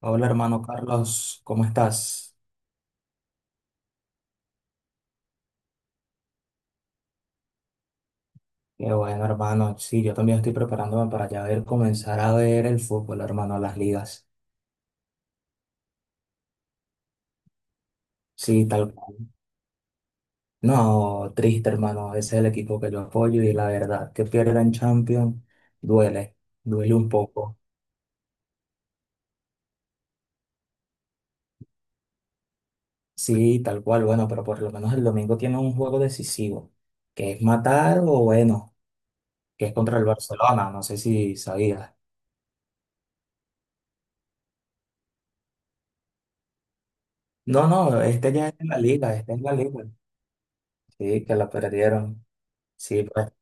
Hola hermano Carlos, ¿cómo estás? Qué bueno hermano, sí, yo también estoy preparándome para ya ver, comenzar a ver el fútbol hermano, las ligas. Sí, tal cual. No, triste hermano, ese es el equipo que yo apoyo y la verdad que pierdan Champions duele, duele un poco. Sí, tal cual, bueno, pero por lo menos el domingo tiene un juego decisivo, que es matar o bueno, que es contra el Barcelona, no sé si sabías. No, no, este ya es en la liga, este es la liga, sí, que la perdieron. Sí, pues.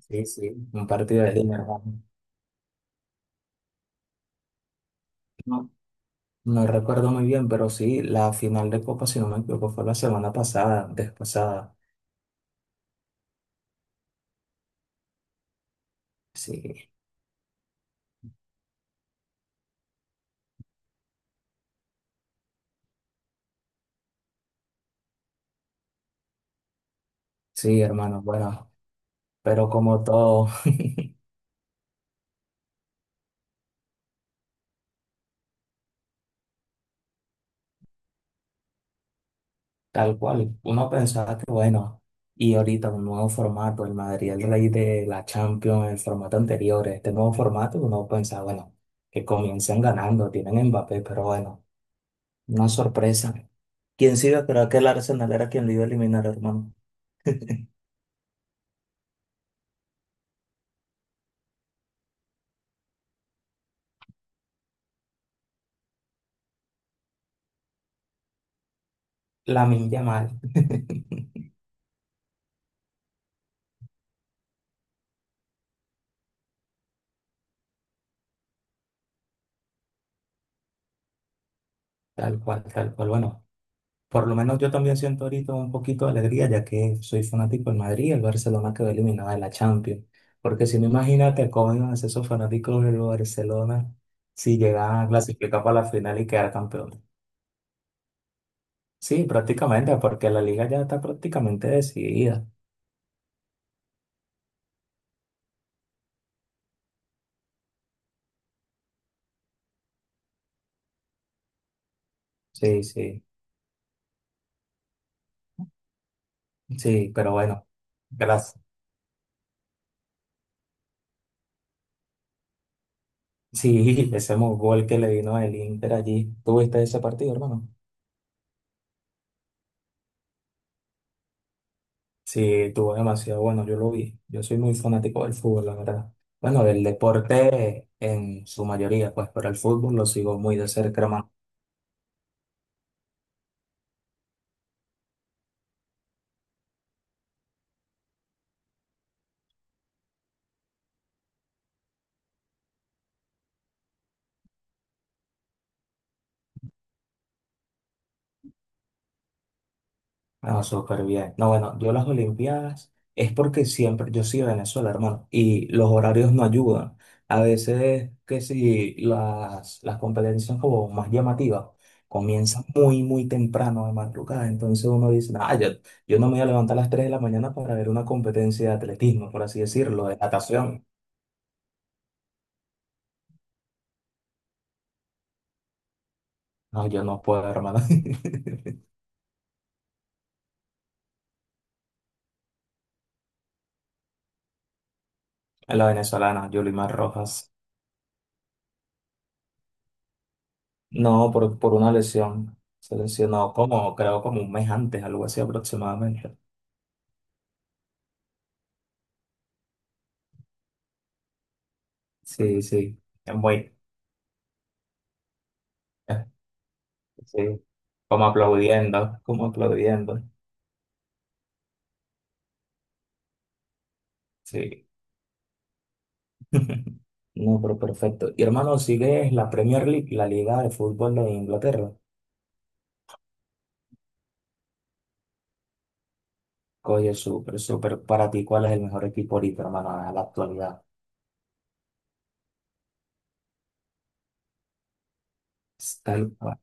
Sí, sí, un partido de Liga, ¿verdad? No, no recuerdo muy bien, pero sí, la final de Copa, si no me equivoco, fue la semana pasada, antes pasada. Sí, sí, hermano, bueno, pero como todo, tal cual, uno pensaba que bueno, y ahorita un nuevo formato, el Madrid, el rey de la Champions, el formato anterior, este nuevo formato, uno pensaba, bueno, que comiencen ganando, tienen a Mbappé, pero bueno, una sorpresa. ¿Quién sí iba a esperar que el Arsenal era quien lo iba a eliminar, hermano? Lamine mal, tal cual, bueno. Por lo menos yo también siento ahorita un poquito de alegría, ya que soy fanático del Madrid y el Barcelona quedó eliminado de la Champions. Porque si no, imagínate cómo iban a ser esos fanáticos del Barcelona si llegaban a clasificar para la final y quedar campeón. Sí, prácticamente, porque la liga ya está prácticamente decidida. Sí, sí, sí, pero bueno, gracias. Sí, ese gol que le vino el Inter allí. ¿Tuviste ese partido, hermano? Sí, tuvo demasiado bueno, yo lo vi. Yo soy muy fanático del fútbol, la verdad. Bueno, del deporte en su mayoría, pues, pero el fútbol lo sigo muy de cerca, hermano. No, súper bien. No, bueno, yo las Olimpiadas es porque siempre, yo soy de Venezuela, hermano, y los horarios no ayudan. A veces que si las competencias como más llamativas comienzan muy, muy temprano de madrugada, entonces uno dice, ah, yo no me voy a levantar a las 3 de la mañana para ver una competencia de atletismo, por así decirlo, de natación. No, yo no puedo, hermano. En La venezolana, Yulimar Rojas. No, por una lesión. Se lesionó como, creo, como un mes antes, algo así aproximadamente. Sí, sí. Es muy, sí. Como aplaudiendo, como aplaudiendo. Sí. No, pero perfecto. Y hermano, ¿sigues la Premier League, la Liga de Fútbol de Inglaterra? Oye, súper, súper. Para ti, ¿cuál es el mejor equipo ahorita, hermano, a la actualidad? Tal cual.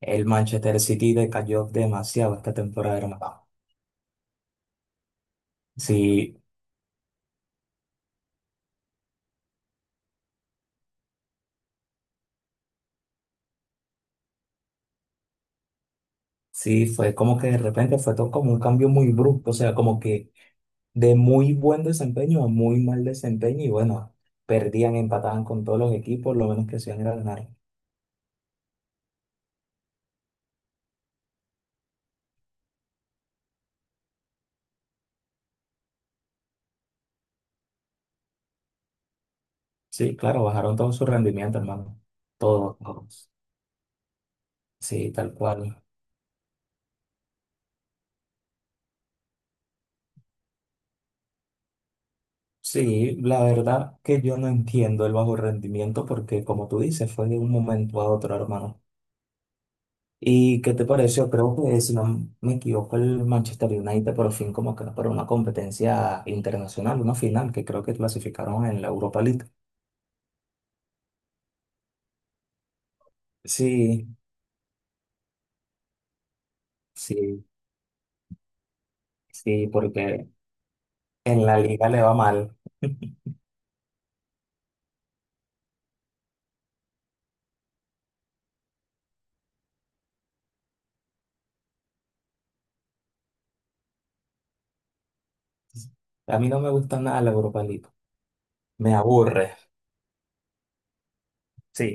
El Manchester City decayó demasiado esta temporada, hermano. Sí, sí, fue como que de repente fue todo como un cambio muy brusco, o sea, como que de muy buen desempeño a muy mal desempeño y bueno, perdían, empataban con todos los equipos, lo menos que hacían era ganar. Sí, claro, bajaron todo su rendimiento, hermano. Todos, todos. Sí, tal cual. Sí, la verdad que yo no entiendo el bajo rendimiento porque como tú dices, fue de un momento a otro, hermano. ¿Y qué te pareció? Creo que, si no me equivoco, el Manchester United por fin como que para una competencia internacional, una final, que creo que clasificaron en la Europa League. Sí, sí, sí, porque en la liga le va mal. A mí no me gusta nada la Europa League. Me aburre. Sí,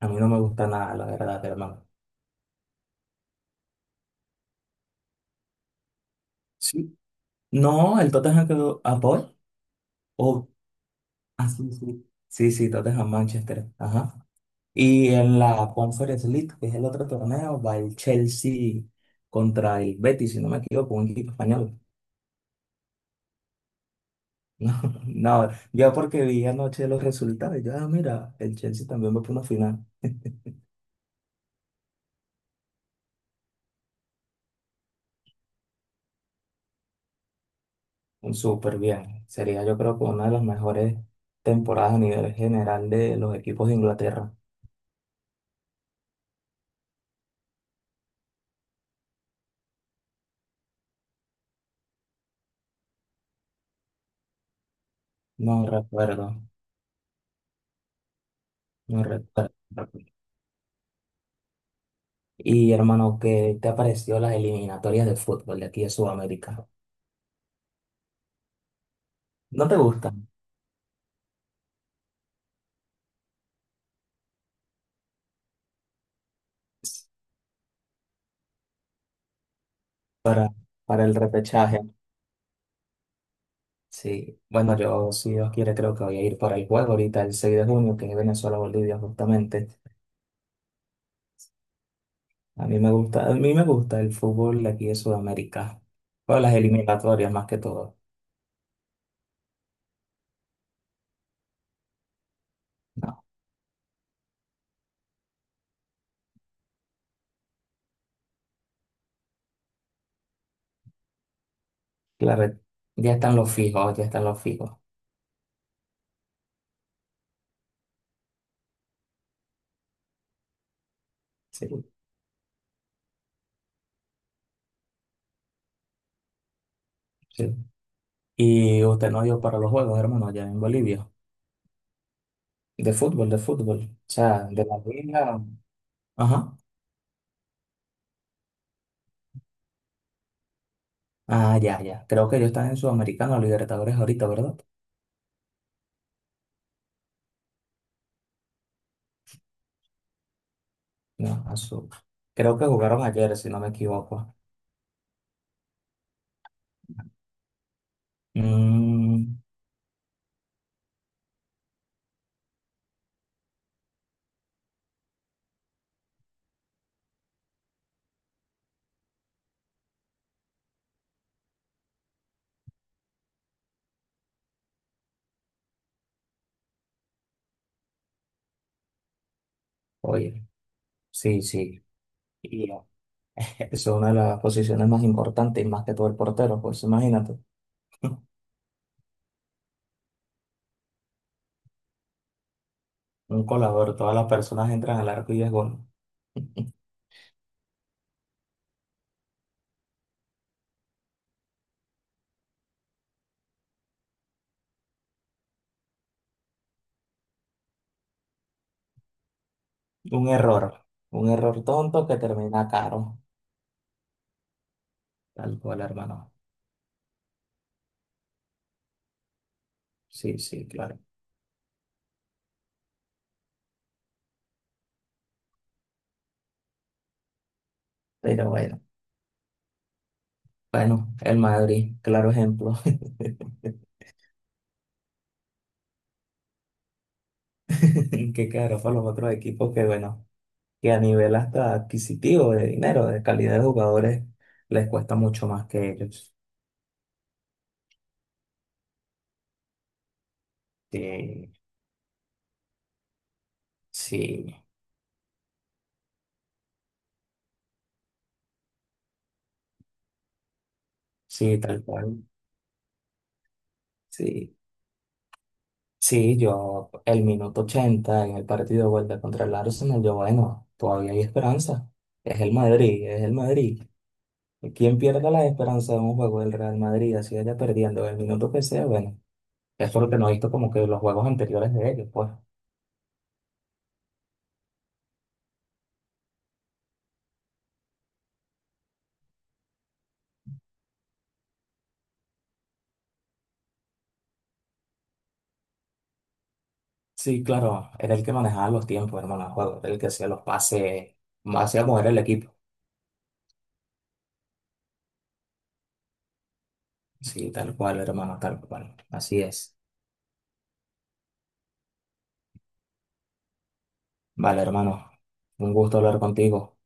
a mí no me gusta nada, la verdad, hermano. Sí. No, el Tottenham quedó a Paul. Oh, ah, sí, sí. Sí, sí, Tottenham Manchester. Ajá. Y en la Conference League, que es el otro torneo, va el Chelsea contra el Betis, si no me equivoco, un equipo español. No, no, yo porque vi anoche los resultados, yo, ah, mira, el Chelsea también va por una final, un súper bien. Sería yo creo que una de las mejores temporadas a nivel general de los equipos de Inglaterra. No recuerdo, no recuerdo. Y hermano, ¿qué te pareció las eliminatorias de fútbol de aquí de Sudamérica? ¿No te gustan? Para el repechaje. Sí, bueno, yo si Dios quiere creo que voy a ir para el juego ahorita el 6 de junio, que es Venezuela-Bolivia justamente. A mí me gusta, a mí me gusta el fútbol de aquí de Sudamérica, o las eliminatorias más que todo. No, claro, ya están los fijos, ya están los fijos. Sí, sí. Y usted no dio para los juegos, hermano, allá en Bolivia. De fútbol, de fútbol. O sea, de la liga. Ajá. Ah, ya, ya. Creo que ellos están en Sudamericano, Libertadores ahorita, ¿verdad? No, a su- Creo que jugaron ayer, si no me equivoco. Mm, oye, sí, sí. Y eso es una de las posiciones más importantes y más que todo el portero, pues imagínate, un colador, todas las personas entran al arco y es gol. Un error, un error tonto que termina caro, tal cual, hermano. Sí, sí, claro. Pero bueno, bueno, el Madrid, claro ejemplo, que quedará para los otros equipos que, bueno, que a nivel hasta adquisitivo de dinero, de calidad de jugadores, les cuesta mucho más que ellos. Sí, sí, sí, tal cual. Sí. Sí, yo el minuto 80 en el partido de vuelta contra el Arsenal, yo bueno, todavía hay esperanza. Es el Madrid, es el Madrid. Quien pierda la esperanza de un juego del Real Madrid, así vaya perdiendo el minuto que sea, bueno, eso es lo que no he visto como que los juegos anteriores de ellos, pues. Sí, claro, era el que manejaba los tiempos, hermano, el juego, era el que hacía los pases, más hacía mover el equipo. Sí, tal cual, hermano, tal cual. Así es. Vale, hermano, un gusto hablar contigo.